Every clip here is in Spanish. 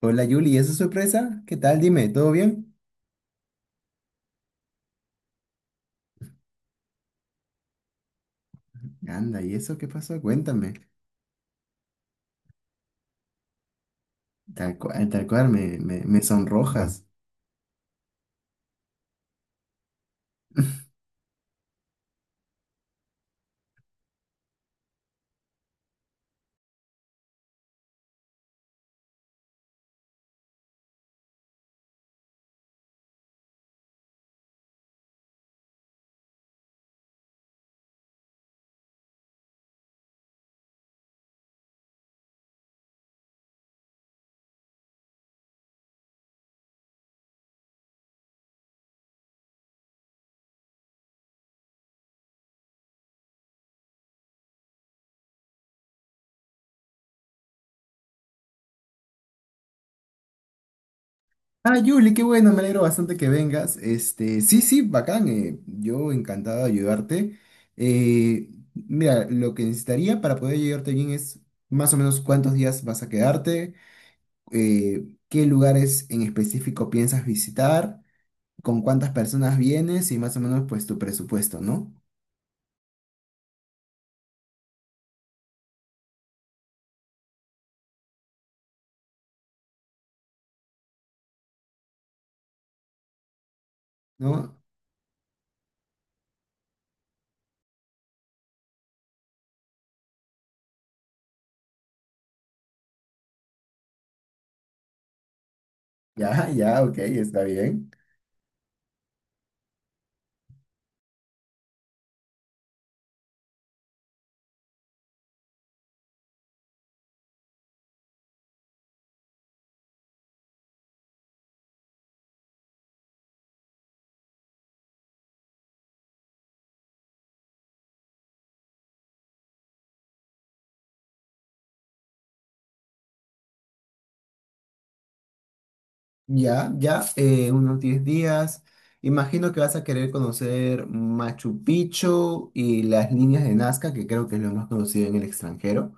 Hola Yuli, ¿y esa sorpresa? ¿Qué tal? Dime, ¿todo bien? Anda, ¿y eso qué pasó? Cuéntame. Tal cual, me sonrojas. Ah, Yuli, qué bueno, me alegro bastante que vengas. Este, sí, sí, bacán, yo encantado de ayudarte. Mira, lo que necesitaría para poder ayudarte bien es más o menos cuántos días vas a quedarte, qué lugares en específico piensas visitar, con cuántas personas vienes y más o menos pues tu presupuesto, ¿no? ¿No? Ya, ya, ok, está bien. Ya, ya, unos 10 días. Imagino que vas a querer conocer Machu Picchu y las líneas de Nazca, que creo que es lo más conocido en el extranjero.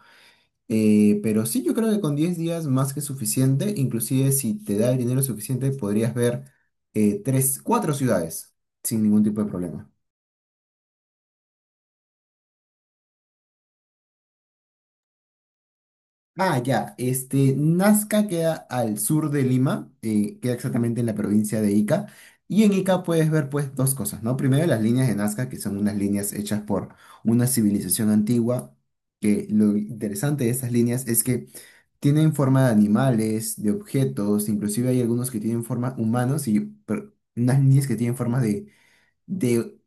Pero sí, yo creo que con 10 días más que suficiente, inclusive si te da el dinero suficiente, podrías ver tres, cuatro ciudades sin ningún tipo de problema. Ah, ya. Este, Nazca queda al sur de Lima, queda exactamente en la provincia de Ica. Y en Ica puedes ver pues dos cosas, ¿no? Primero, las líneas de Nazca, que son unas líneas hechas por una civilización antigua, que lo interesante de estas líneas es que tienen forma de animales, de objetos, inclusive hay algunos que tienen forma humanos y unas líneas que tienen forma de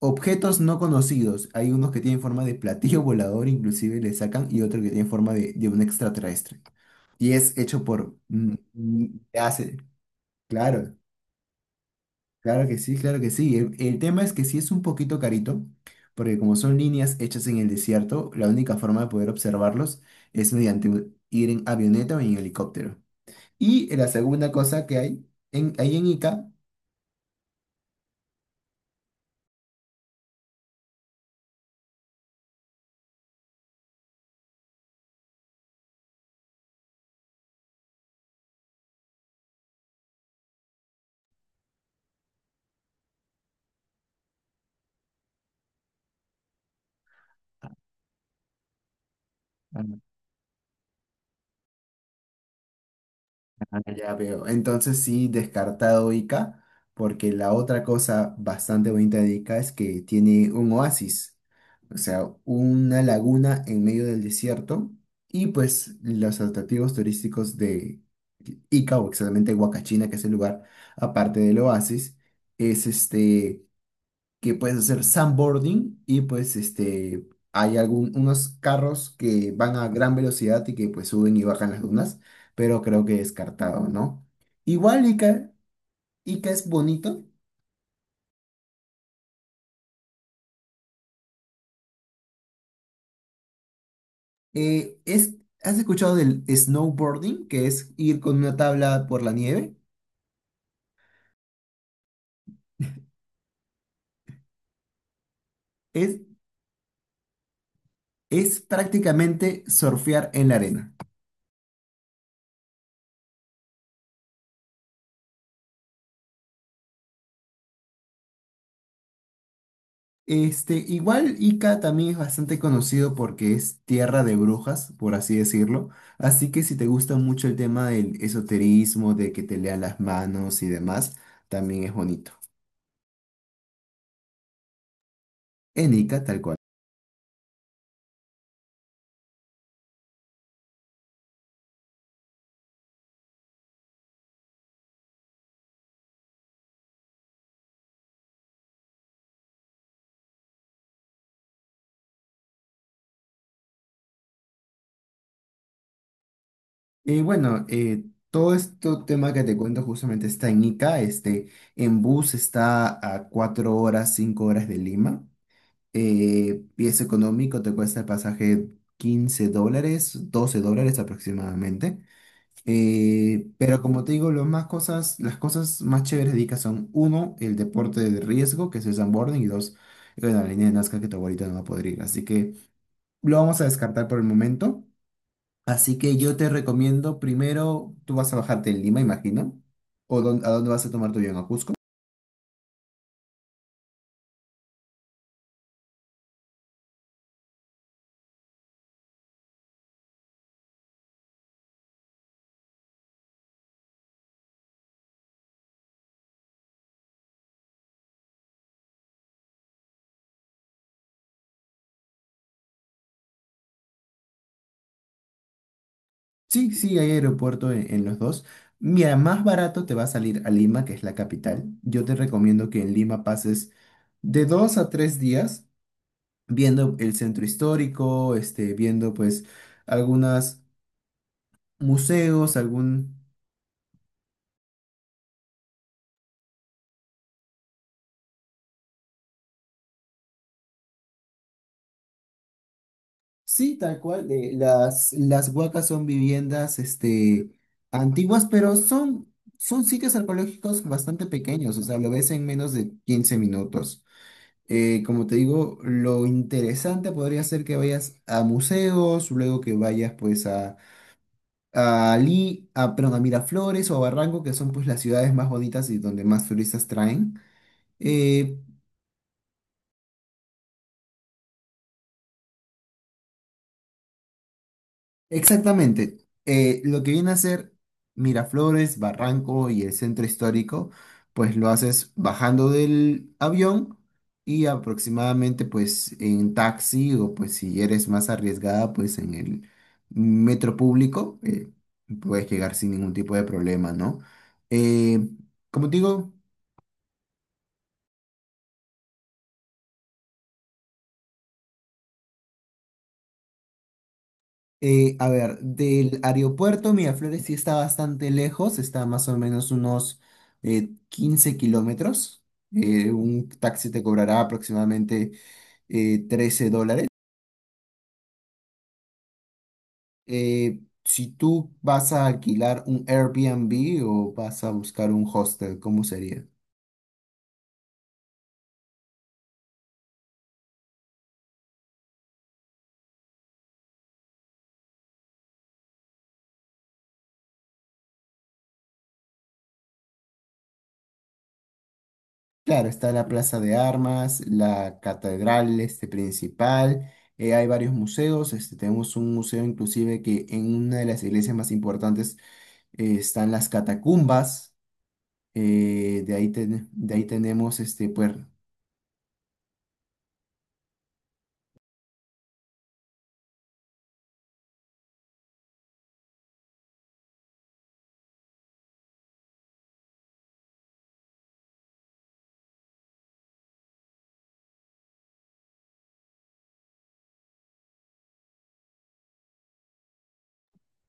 objetos no conocidos. Hay unos que tienen forma de platillo volador, inclusive le sacan, y otro que tiene forma de un extraterrestre. Y es hecho por... hace, claro, claro que sí, claro que sí. El tema es que sí es un poquito carito, porque como son líneas hechas en el desierto, la única forma de poder observarlos es mediante ir en avioneta o en helicóptero. Y la segunda cosa que hay, en, ahí en Ica... Ah, ya veo. Entonces sí, descartado Ica, porque la otra cosa bastante bonita de Ica es que tiene un oasis, o sea, una laguna en medio del desierto, y pues los atractivos turísticos de Ica, o exactamente Huacachina, que es el lugar aparte del oasis, es este que puedes hacer sandboarding, y pues este, hay unos carros que van a gran velocidad y que pues suben y bajan las dunas, pero creo que descartado, ¿no? Igual Ica, Ica es bonito. eh, es, ¿Has escuchado del snowboarding, que es ir con una tabla por la nieve? Es, es prácticamente surfear en la arena. Este, igual Ica también es bastante conocido porque es tierra de brujas, por así decirlo. Así que si te gusta mucho el tema del esoterismo, de que te lean las manos y demás, también es bonito. En Ica, tal cual. Y bueno, todo este tema que te cuento justamente está en Ica. Este, en bus está a 4 horas, 5 horas de Lima. Y es económico, te cuesta el pasaje 15 dólares, 12 dólares aproximadamente. Pero como te digo, las cosas más chéveres de Ica son, uno, el deporte de riesgo, que es el sandboarding, y dos, bueno, la línea de Nazca, que tu abuelita no va a poder ir. Así que lo vamos a descartar por el momento. Así que yo te recomiendo, primero, tú vas a bajarte en Lima, imagino. ¿O a dónde vas a tomar tu avión? ¿A Cusco? Sí, sí, hay aeropuerto en los dos. Mira, más barato te va a salir a Lima, que es la capital. Yo te recomiendo que en Lima pases de 2 a 3 días viendo el centro histórico, este, viendo pues algunos museos, algún... Sí, tal cual, las huacas son viviendas este, antiguas, pero son sitios arqueológicos bastante pequeños, o sea, lo ves en menos de 15 minutos. Como te digo, lo interesante podría ser que vayas a museos, luego que vayas pues perdón, a Miraflores o a Barranco, que son pues las ciudades más bonitas y donde más turistas traen. Eh, Exactamente. Lo que viene a ser Miraflores, Barranco y el centro histórico, pues lo haces bajando del avión y aproximadamente pues en taxi, o pues si eres más arriesgada pues en el metro público, puedes llegar sin ningún tipo de problema, ¿no? Eh, como te digo, a ver, del aeropuerto Miraflores sí está bastante lejos, está más o menos unos 15 kilómetros. Un taxi te cobrará aproximadamente 13 dólares. Si tú vas a alquilar un Airbnb o vas a buscar un hostel, ¿cómo sería? Claro, está la Plaza de Armas, la catedral, este, principal, hay varios museos, este, tenemos un museo inclusive que en una de las iglesias más importantes están las catacumbas, de ahí, de ahí tenemos este, pues,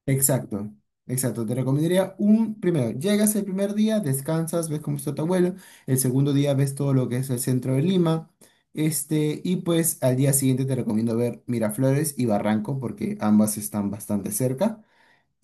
exacto, exacto, te recomendaría primero, llegas el primer día, descansas, ves cómo está tu abuelo, el segundo día ves todo lo que es el centro de Lima, este, y pues al día siguiente te recomiendo ver Miraflores y Barranco, porque ambas están bastante cerca.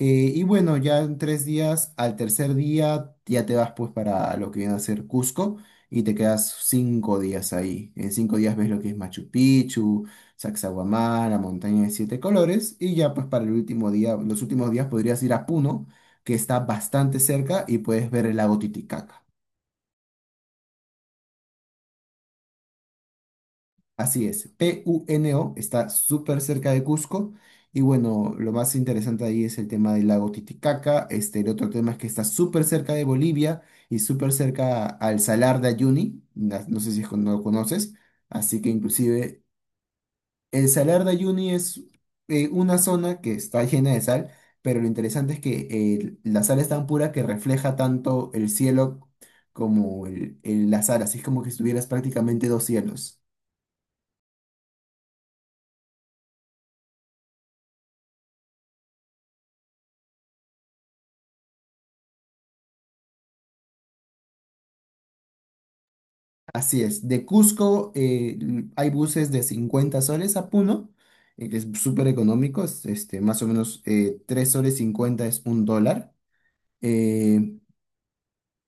Y bueno, ya en 3 días, al tercer día, ya te vas pues para lo que viene a ser Cusco y te quedas 5 días ahí. En 5 días ves lo que es Machu Picchu, Sacsayhuamán, la montaña de siete colores, y ya pues para el último día, los últimos días, podrías ir a Puno, que está bastante cerca y puedes ver el lago Titicaca. Así es, Puno está súper cerca de Cusco y bueno, lo más interesante ahí es el tema del lago Titicaca, este, el otro tema es que está súper cerca de Bolivia y súper cerca al Salar de Uyuni, no sé si no lo conoces, así que inclusive el Salar de Uyuni es una zona que está llena de sal, pero lo interesante es que la sal es tan pura que refleja tanto el cielo como la sal, así es como que estuvieras prácticamente dos cielos. Así es, de Cusco hay buses de 50 soles a Puno, que es súper económico, es, este, más o menos 3 soles 50 es un dólar. eh,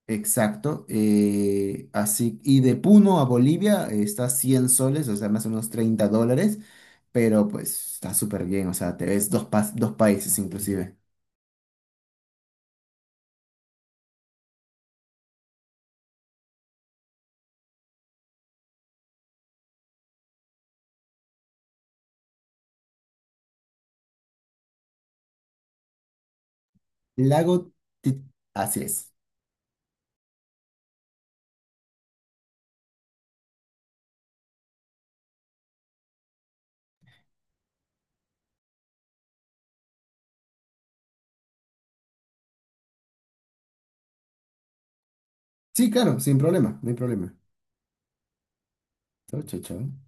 exacto. Así, y de Puno a Bolivia está 100 soles, o sea, más o menos 30 dólares, pero pues está súper bien, o sea, te ves dos, dos países inclusive. Lago, Ti- así es. Sí, claro, sin problema, no hay problema. Chao, chao, chao.